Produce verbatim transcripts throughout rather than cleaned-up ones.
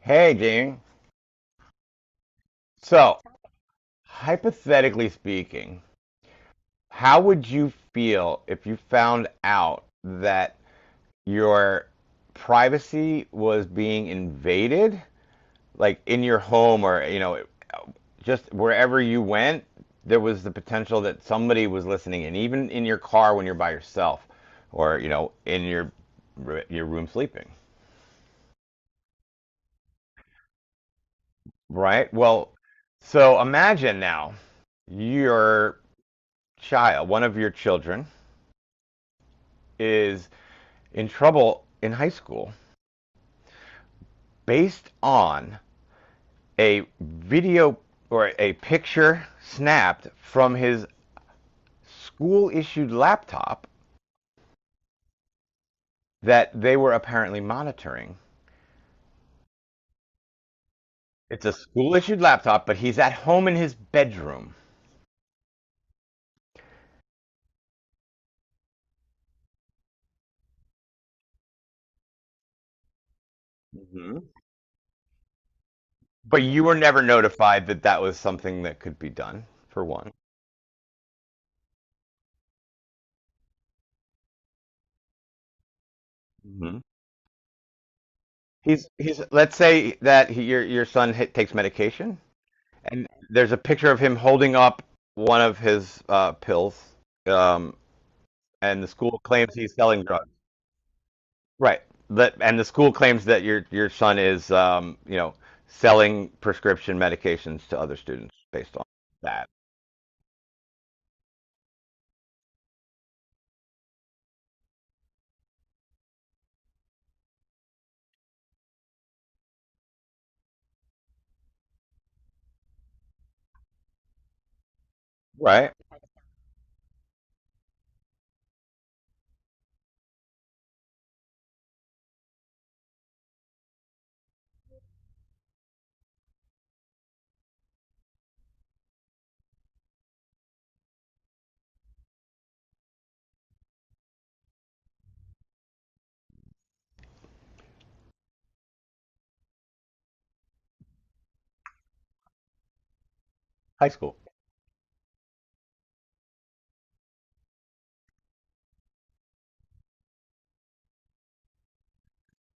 Hey, Dean. So, Hypothetically speaking, how would you feel if you found out that your privacy was being invaded, like in your home or, you know, just wherever you went, there was the potential that somebody was listening, and even in your car when you're by yourself or, you know, in your your room sleeping, right? Well, so imagine now your child, one of your children, is in trouble in high school based on a video or a picture snapped from his school issued laptop that they were apparently monitoring. It's a school issued laptop, but he's at home in his bedroom. Mm-hmm. But you were never notified that that was something that could be done, for one. Mm-hmm. He's he's Let's say that he, your your son hit, takes medication. And there's a picture of him holding up one of his uh, pills, um, and the school claims he's selling drugs. Right. That and the school claims that your your son is, um, you know, selling prescription medications to other students based on that. Right. High school.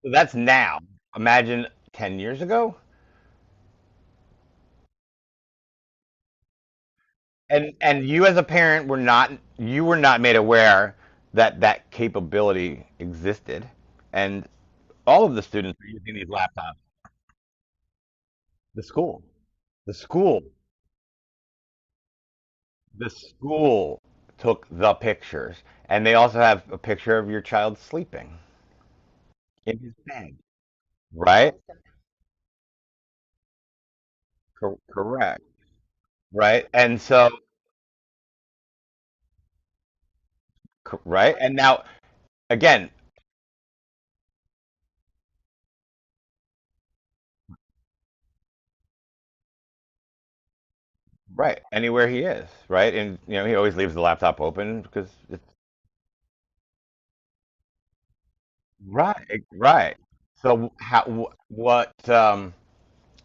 So that's now. Imagine ten years ago. And and you as a parent were not you were not made aware that that capability existed, and all of the students are using these laptops. The school. The school, the school took the pictures, and they also have a picture of your child sleeping in his bed, right? Cor- correct, right? And so, co- right, and now again, right, anywhere he is, right, and you know he always leaves the laptop open because it's right, right. So how, wh- what, um.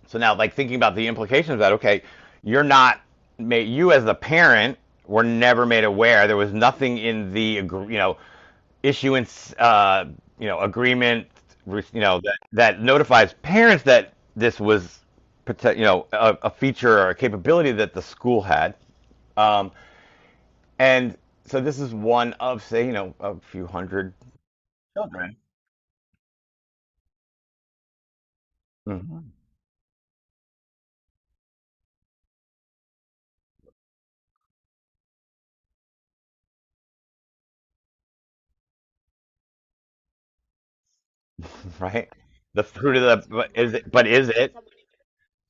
So now, like thinking about the implications of that, okay, you're not made. You as the parent were never made aware. There was nothing in the, you know, issuance, uh, you know, agreement, you know, that, that notifies parents that this was pote- you know, a, a feature or a capability that the school had. Um, and so this is one of, say, you know, a few hundred. Mhm. Right? The fruit of the, is it, but is it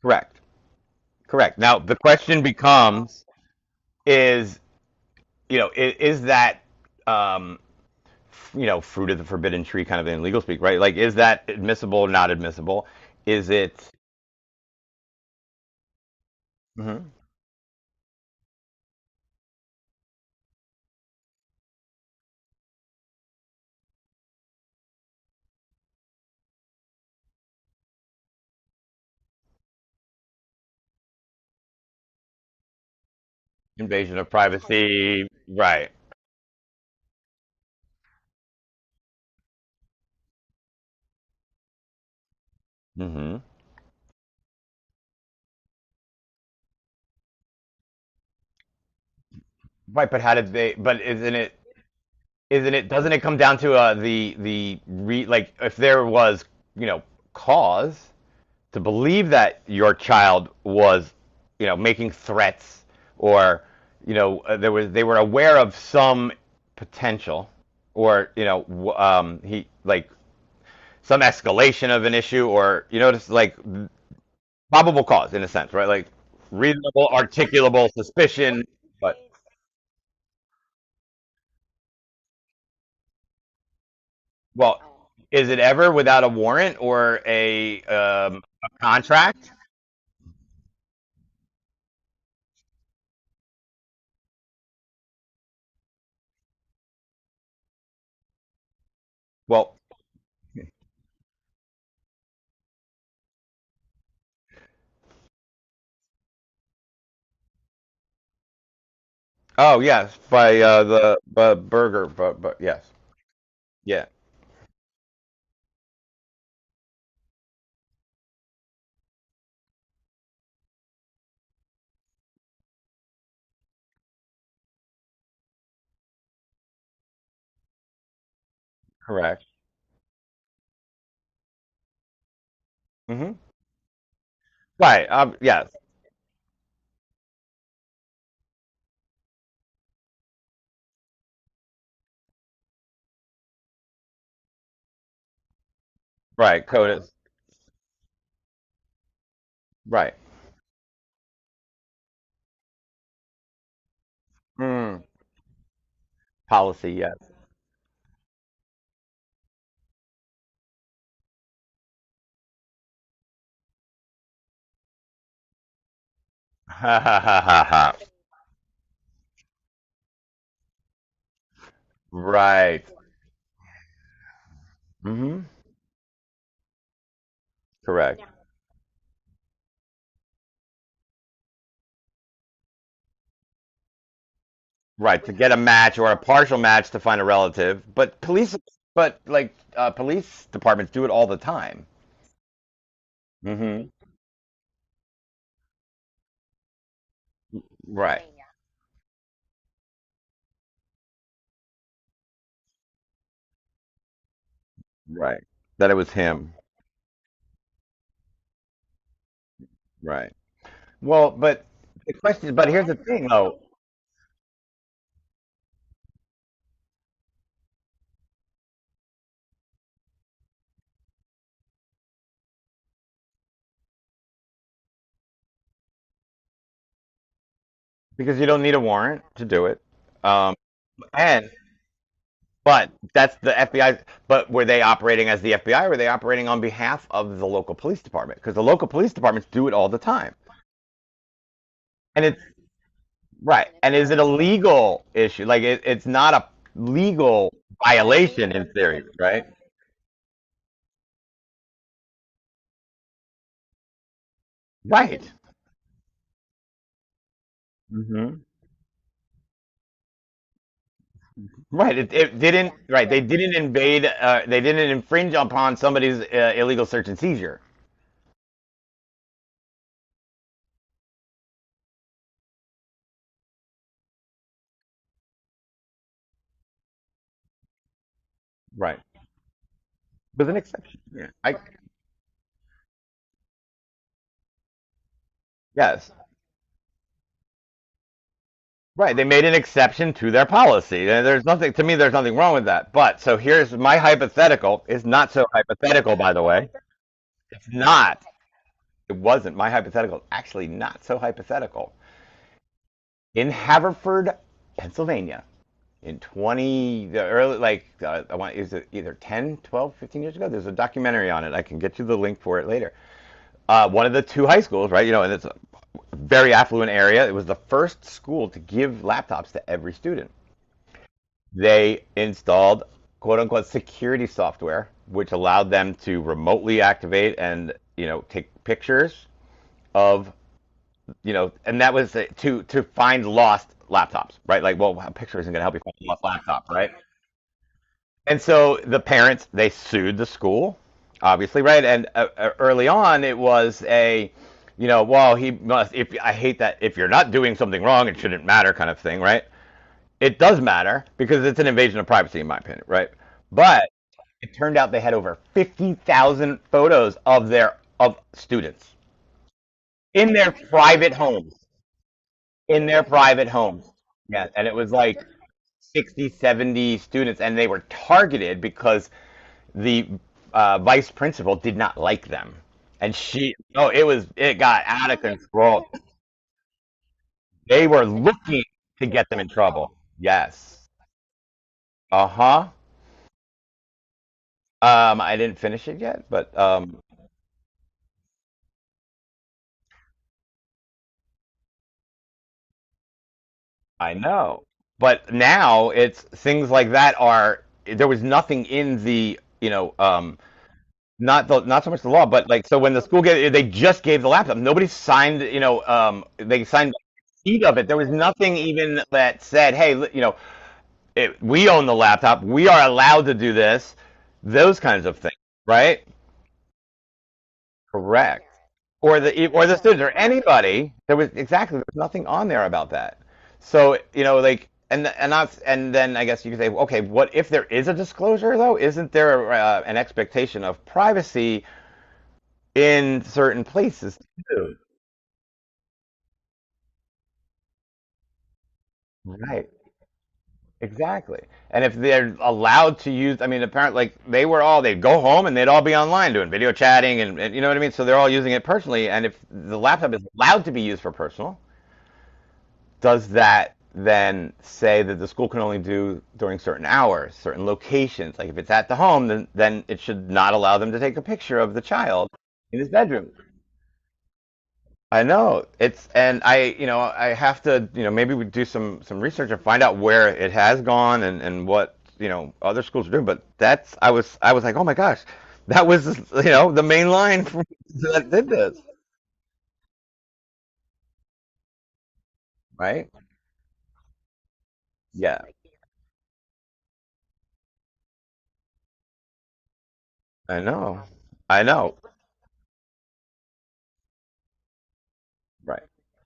correct? Correct. Now the question becomes, is, you know, is, is that, um, you know, fruit of the forbidden tree kind of in legal speak, right? Like, is that admissible or not admissible? Is it Mhm. invasion of privacy? Right. Hmm. Right, but how did they? But isn't it? Isn't it? Doesn't it come down to, uh, the the re like if there was, you know, cause to believe that your child was, you know, making threats or, you know, uh, there was they were aware of some potential or, you know, um, he like some escalation of an issue or, you know, just like probable cause in a sense, right? Like reasonable, articulable suspicion, but well, is it ever without a warrant or a, um, a contract? Well, oh yes, by, uh, the, uh, Burger, but, but yes, yeah, correct. Hmm. Right. Um, yes. Right. Code is right. Mm. Policy. Yes. Ha ha ha ha ha. Right. Hmm. Correct. Right. To get a match or a partial match to find a relative, but police, but like, uh, police departments do it all the time. Hmm. Right. Right. That it was him. Right. Well, but the question, but here's the thing though, because you don't need a warrant to do it. Um, But that's the F B I. But were they operating as the F B I? Or were they operating on behalf of the local police department? Because the local police departments do it all the time. And it's right. And is it a legal issue? Like it, it's not a legal violation in theory, right? Right. Hmm. Right. It, it didn't. Right. They didn't invade. Uh, they didn't infringe upon somebody's, uh, illegal search and seizure. Right. It was an exception. I yes. Right, they made an exception to their policy. And there's nothing to me. There's nothing wrong with that. But so here's my hypothetical. Is not so hypothetical, by the way. It's not. It wasn't. My hypothetical is actually not so hypothetical. In Haverford, Pennsylvania, in twenty the early like, uh, I want is it either ten, twelve, fifteen years ago? There's a documentary on it. I can get you the link for it later. Uh, one of the two high schools, right? You know, and it's a very affluent area. It was the first school to give laptops to every student. They installed quote unquote security software, which allowed them to remotely activate and, you know, take pictures of, you know, and that was, uh, to to find lost laptops, right? Like, well, a picture isn't going to help you find a lost laptop, right? And so the parents they sued the school, obviously, right? And uh, uh, early on, it was a, you know, well, he must. If I hate that, if you're not doing something wrong, it shouldn't matter, kind of thing, right? It does matter because it's an invasion of privacy, in my opinion, right? But it turned out they had over fifty thousand photos of their of students in their private homes, in their private homes. Yeah, and it was like sixty, seventy students and they were targeted because the, uh, vice principal did not like them. And she oh, it was it got out of control. They were looking to get them in trouble. Yes. Uh-huh. Um, I didn't finish it yet, but um I know. But now it's things like that are there was nothing in the, you know, um, not the not so much the law but like so when the school gave they just gave the laptop nobody signed, you know, um, they signed the receipt of it there was nothing even that said hey li- you know it, we own the laptop we are allowed to do this those kinds of things right. Correct. Or the e, or the students or anybody. There was exactly there was nothing on there about that. So you know, like, and and that's and then I guess you could say, okay, what if there is a disclosure though? Isn't there, uh, an expectation of privacy in certain places? Right. Exactly. And if they're allowed to use, I mean, apparently, like they were all, they'd go home and they'd all be online doing video chatting and, and, you know what I mean? So they're all using it personally. And if the laptop is allowed to be used for personal, does that then say that the school can only do during certain hours, certain locations? Like if it's at the home, then, then it should not allow them to take a picture of the child in his bedroom. I know it's, and I, you know, I have to, you know, maybe we do some some research and find out where it has gone and and what you know other schools are doing. But that's, I was, I was like, oh my gosh, that was, you know, the main line from, that did this, right? Yeah, I know, I know, right? Yeah.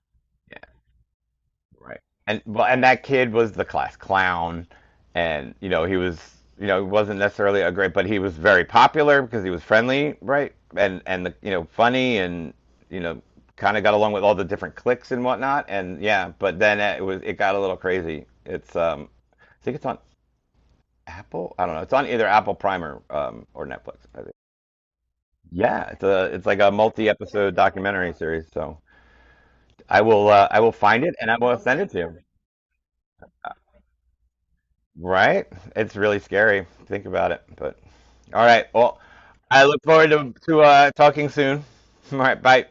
Right. And well, and that kid was the class clown, and you know he was, you know, he wasn't necessarily a great, but he was very popular because he was friendly, right? And and the you know funny and you know kind of got along with all the different cliques and whatnot. And yeah, but then it was it got a little crazy. It's um, I think it's on Apple. I don't know. It's on either Apple Prime or um or Netflix. I think. Yeah, it's a it's like a multi-episode documentary series. So I will, uh, I will find it and I will send it to you. Right? It's really scary. Think about it. But all right. Well, I look forward to to uh, talking soon. All right. Bye.